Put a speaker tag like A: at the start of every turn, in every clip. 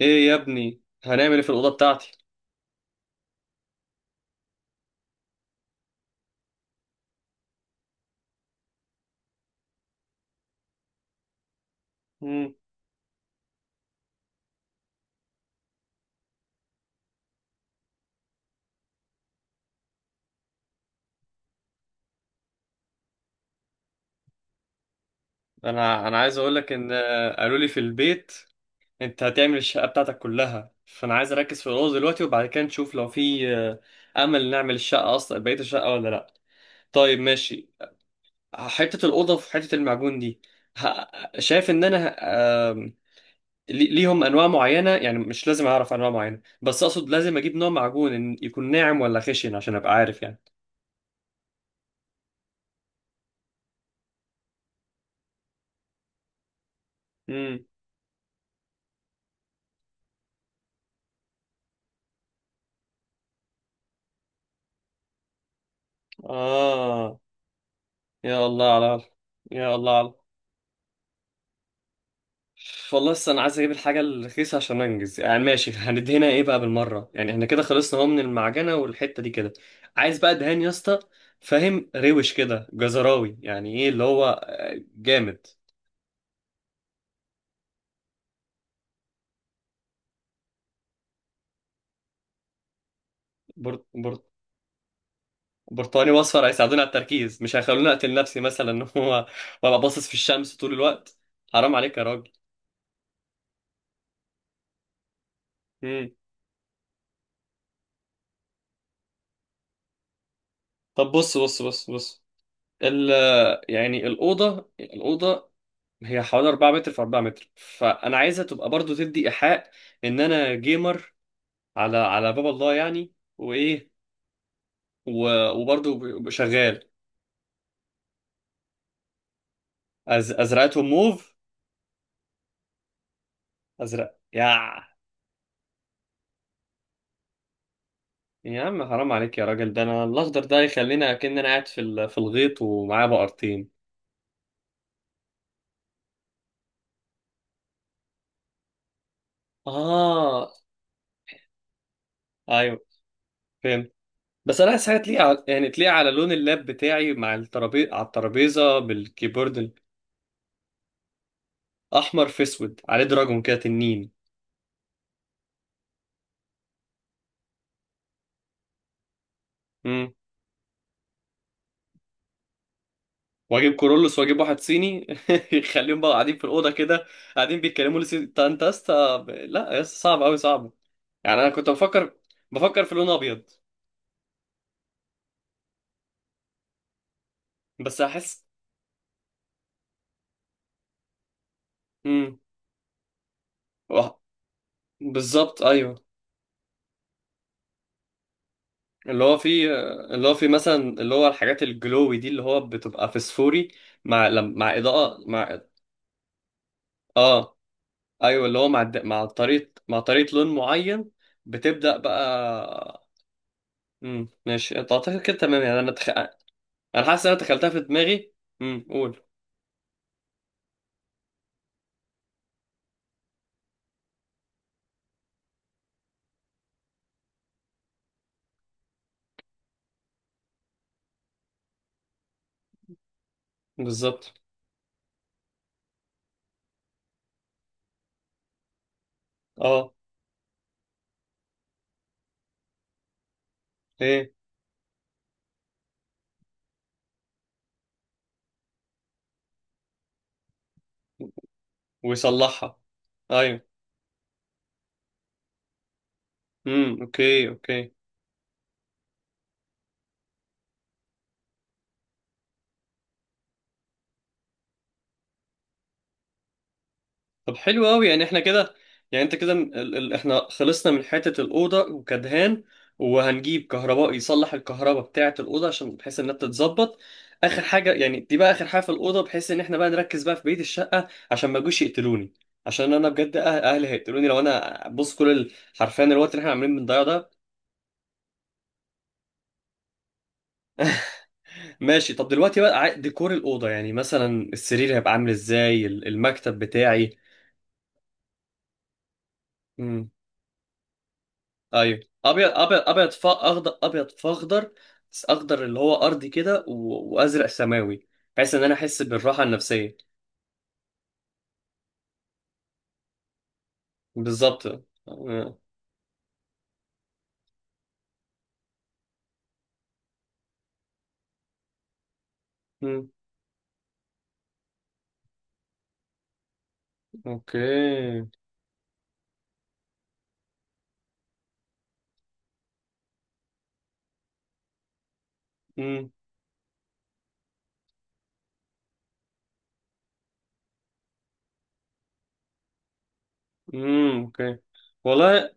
A: ايه يا ابني هنعمل ايه في الاوضه بتاعتي. مم. انا عايز اقول لك ان قالوا لي في البيت انت هتعمل الشقه بتاعتك كلها فانا عايز اركز في الاوضه دلوقتي وبعد كده نشوف لو في امل نعمل الشقه اصلا بقيه الشقه ولا لا. طيب ماشي. حته الاوضه في حته المعجون دي شايف ان انا آم، ليهم انواع معينه يعني مش لازم اعرف انواع معينه بس اقصد لازم اجيب نوع معجون إن يكون ناعم ولا خشن عشان ابقى عارف يعني. امم. اه. يا الله على العظيم. يا الله على العظيم. والله لسه انا عايز اجيب الحاجه الرخيصه عشان انجز، يعني ماشي هندهنها ايه بقى بالمره؟ يعني احنا كده خلصنا اهو من المعجنه والحته دي كده. عايز بقى دهان يا اسطى، فاهم؟ روش كده جزراوي، يعني ايه اللي هو جامد. بر... بر... برتقاني واصفر هيساعدوني على التركيز؟ مش هيخلوني اقتل نفسي مثلا ان هو وابقى باصص في الشمس طول الوقت؟ حرام عليك يا راجل. مم. طب بص بص بص بص، ال يعني الأوضة هي حوالي 4 متر في 4 متر، فانا عايزها تبقى برضو تدي ايحاء ان انا جيمر، على على باب الله يعني. وايه وبرضو شغال. ازرقتهم موف؟ ازرق يا. يا عم حرام عليك يا راجل، ده انا الاخضر ده يخلينا كأن انا قاعد في في الغيط ومعاه بقرتين. اه. ايوه، فهمت. بس انا عايز حاجه تليق على، يعني تليق على لون اللاب بتاعي مع الترابيزه، على الترابيزه بالكيبورد. الاحمر في اسود عليه دراجون كده، تنين. واجيب كورولوس واجيب واحد صيني يخليهم بقى قاعدين في الاوضه كده، قاعدين بيتكلموا لي انت يا اسطى، لا يا اسطى صعب، قوي صعب. يعني انا كنت بفكر في لون ابيض بس احس. امم. وه- بالظبط ايوه. اللي هو في اللي هو في مثلا اللي هو الحاجات الجلوي دي اللي هو بتبقى فسفوري مع مع اضاءه مع. اه. ايوه اللي هو مع مع طريقه لون معين بتبدا بقى. ماشي، انت اعتقد كده تمام يعني، انا انا حاسس إن انا دخلتها في دماغي. امم، قول. بالظبط. اه. ايه ويصلحها؟ ايوه. امم. اوكي اوكي. طب حلو قوي، يعني احنا كده، يعني انت كده احنا خلصنا من حتة الأوضة وكدهان، وهنجيب كهرباء يصلح الكهرباء بتاعة الأوضة عشان بحيث انها تتظبط. اخر حاجة يعني، دي بقى اخر حاجة في الأوضة، بحيث ان احنا بقى نركز بقى في بقية الشقة عشان ما يجوش يقتلوني. عشان انا بجد اهلي هيقتلوني لو انا بص كل حرفيا الوقت اللي احنا عاملين بنضيعه ده. ماشي. طب دلوقتي بقى ديكور الأوضة، يعني مثلا السرير هيبقى عامل ازاي، المكتب بتاعي. امم. ايوه، ابيض ابيض ابيض، ف اخضر، ابيض في اخضر، بس اخضر اللي هو ارضي كده وازرق سماوي، بحيث ان انا احس بالراحة النفسية. بالظبط. آه. مم. اوكي. مم. مم. اوكي. والله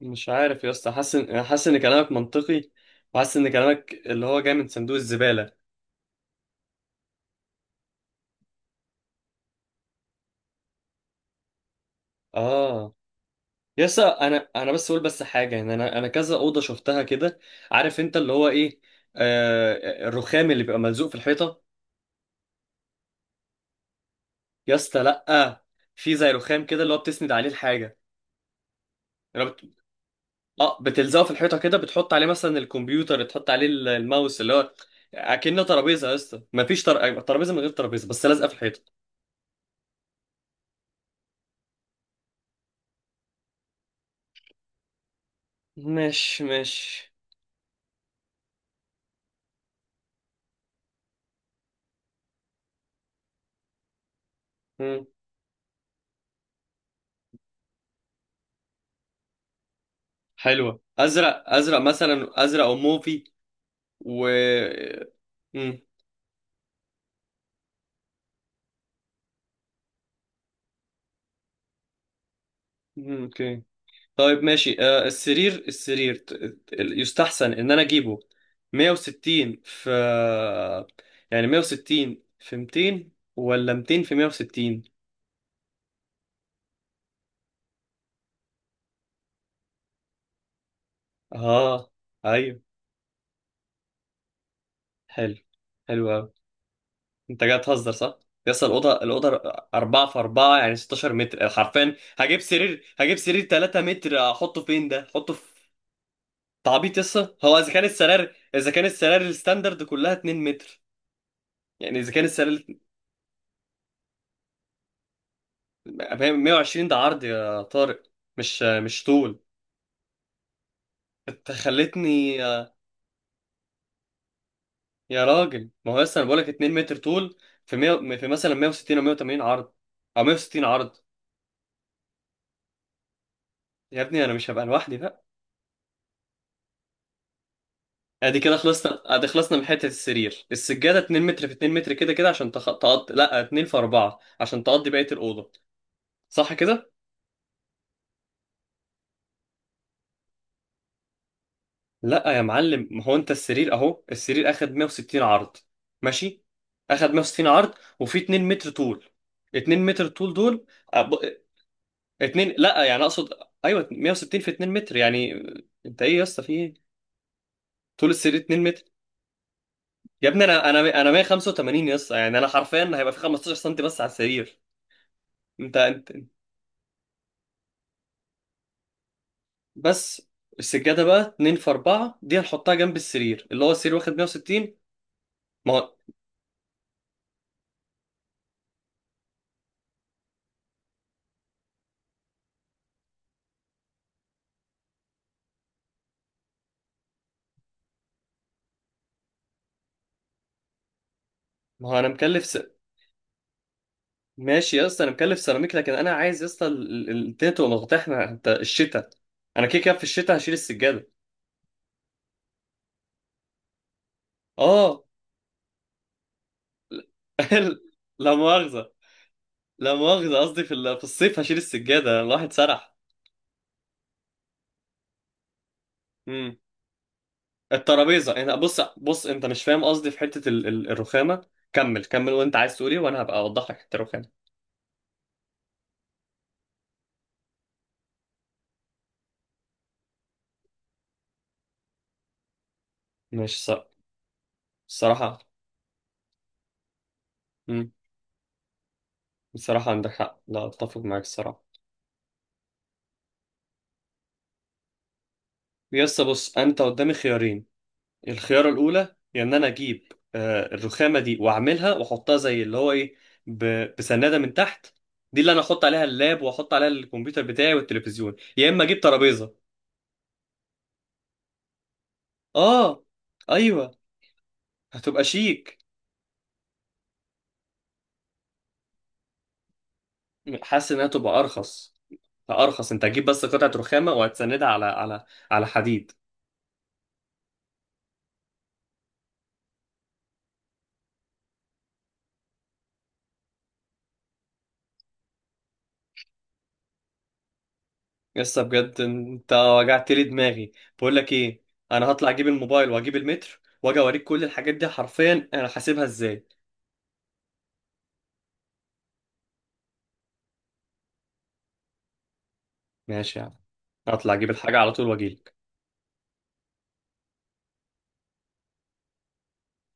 A: مش عارف يا اسطى، حاسس حاسس ان كلامك منطقي، وحاسس ان كلامك اللي هو جاي من صندوق الزبالة. اه. يس، انا بس اقول بس حاجه، ان انا كذا اوضه شفتها كده، عارف انت اللي هو ايه؟ آه، الرخام اللي بيبقى ملزوق في الحيطه. يا اسطى لا، في زي رخام كده اللي هو بتسند عليه الحاجه. أنا بت... اه بتلزقه في الحيطه كده، بتحط عليه مثلا الكمبيوتر، تحط عليه الماوس، اللي هو اكنه ترابيزه يا اسطى. مفيش ترابيزه من غير ترابيزه، بس لازقه في الحيطه. ماشي ماشي. مم. حلوة، ازرق ازرق مثلا، ازرق او موفي. و. مم. مم، اوكي. طيب ماشي، آه السرير السرير يستحسن ان انا اجيبه 160 في، يعني 160 في 200 ولا 200 في 160؟ اه. ايوه، حلو. حلو قوي. انت جاي تهزر، صح؟ يس، الاوضه الاوضه 4 في 4 يعني 16 متر، حرفيا هجيب سرير، هجيب سرير 3 متر، احطه فين ده؟ احطه في تعبيط؟ يس، هو اذا كان السرير، اذا كان السرير الستاندرد كلها 2 متر، يعني اذا كان السرير 120 ده عرض يا طارق، مش طول. انت خلتني. يا راجل ما هو لسه انا بقولك 2 متر طول في 100، في مثلا 160 او 180 عرض، او 160 عرض. يا ابني انا مش هبقى لوحدي بقى. ادي كده خلصنا، ادي خلصنا من حته السرير. السجاده 2 متر في 2 متر كده كده عشان تقضي، لا 2 في 4 عشان تقضي بقيه الاوضه. صح كده. لا يا معلم، ما هو انت السرير اهو، السرير اخد 160 عرض ماشي، اخد 160 عرض وفي 2 متر طول، 2 متر طول دول. أب... 2 لا يعني اقصد ايوه، 160 في 2 متر يعني. انت ايه يا اسطى؟ في ايه؟ طول السرير 2 متر، يا ابني انا 185 يا اسطى، يعني انا حرفيا هيبقى في 15 سم بس على السرير. انت بس. السجاده بقى 2 في 4 دي هنحطها جنب السرير اللي هو السرير واخد 160. ما هو ما هو انا مكلف. ماشي يا اسطى انا مكلف سيراميك، لكن انا عايز يا اسطى الدنيا تبقى مفتوحه. انت الشتاء، انا كده كده في الشتاء هشيل السجاده. اه. لا مؤاخذه، لا مؤاخذه قصدي في في الصيف هشيل السجاده، الواحد سرح. امم. الترابيزه انا بص بص انت مش فاهم قصدي في حته الرخامه. كمل كمل وانت عايز تقول ايه وانا هبقى اوضح لك حته الرخامه. ماشي صح. الصراحه. امم. الصراحه عندك حق، لا اتفق معاك الصراحه. يا اسطى بص، انت قدامي خيارين. الخيارة الأولى هي إن أنا أجيب الرخامة دي وأعملها وأحطها زي اللي هو إيه، بسنادة من تحت، دي اللي أنا أحط عليها اللاب وأحط عليها الكمبيوتر بتاعي والتلفزيون، يا إما أجيب ترابيزة. آه. أيوه. هتبقى شيك. حاسس إنها تبقى أرخص، أرخص، أنت هتجيب بس قطعة رخامة وهتسندها على على، على حديد. لسه بجد أنت وجعت لي دماغي. بقول لك إيه، أنا هطلع أجيب الموبايل وأجيب المتر وأجي أوريك كل الحاجات دي حرفيا أنا حاسبها إزاي. ماشي يا عم. اطلع اجيب الحاجه على طول واجيلك.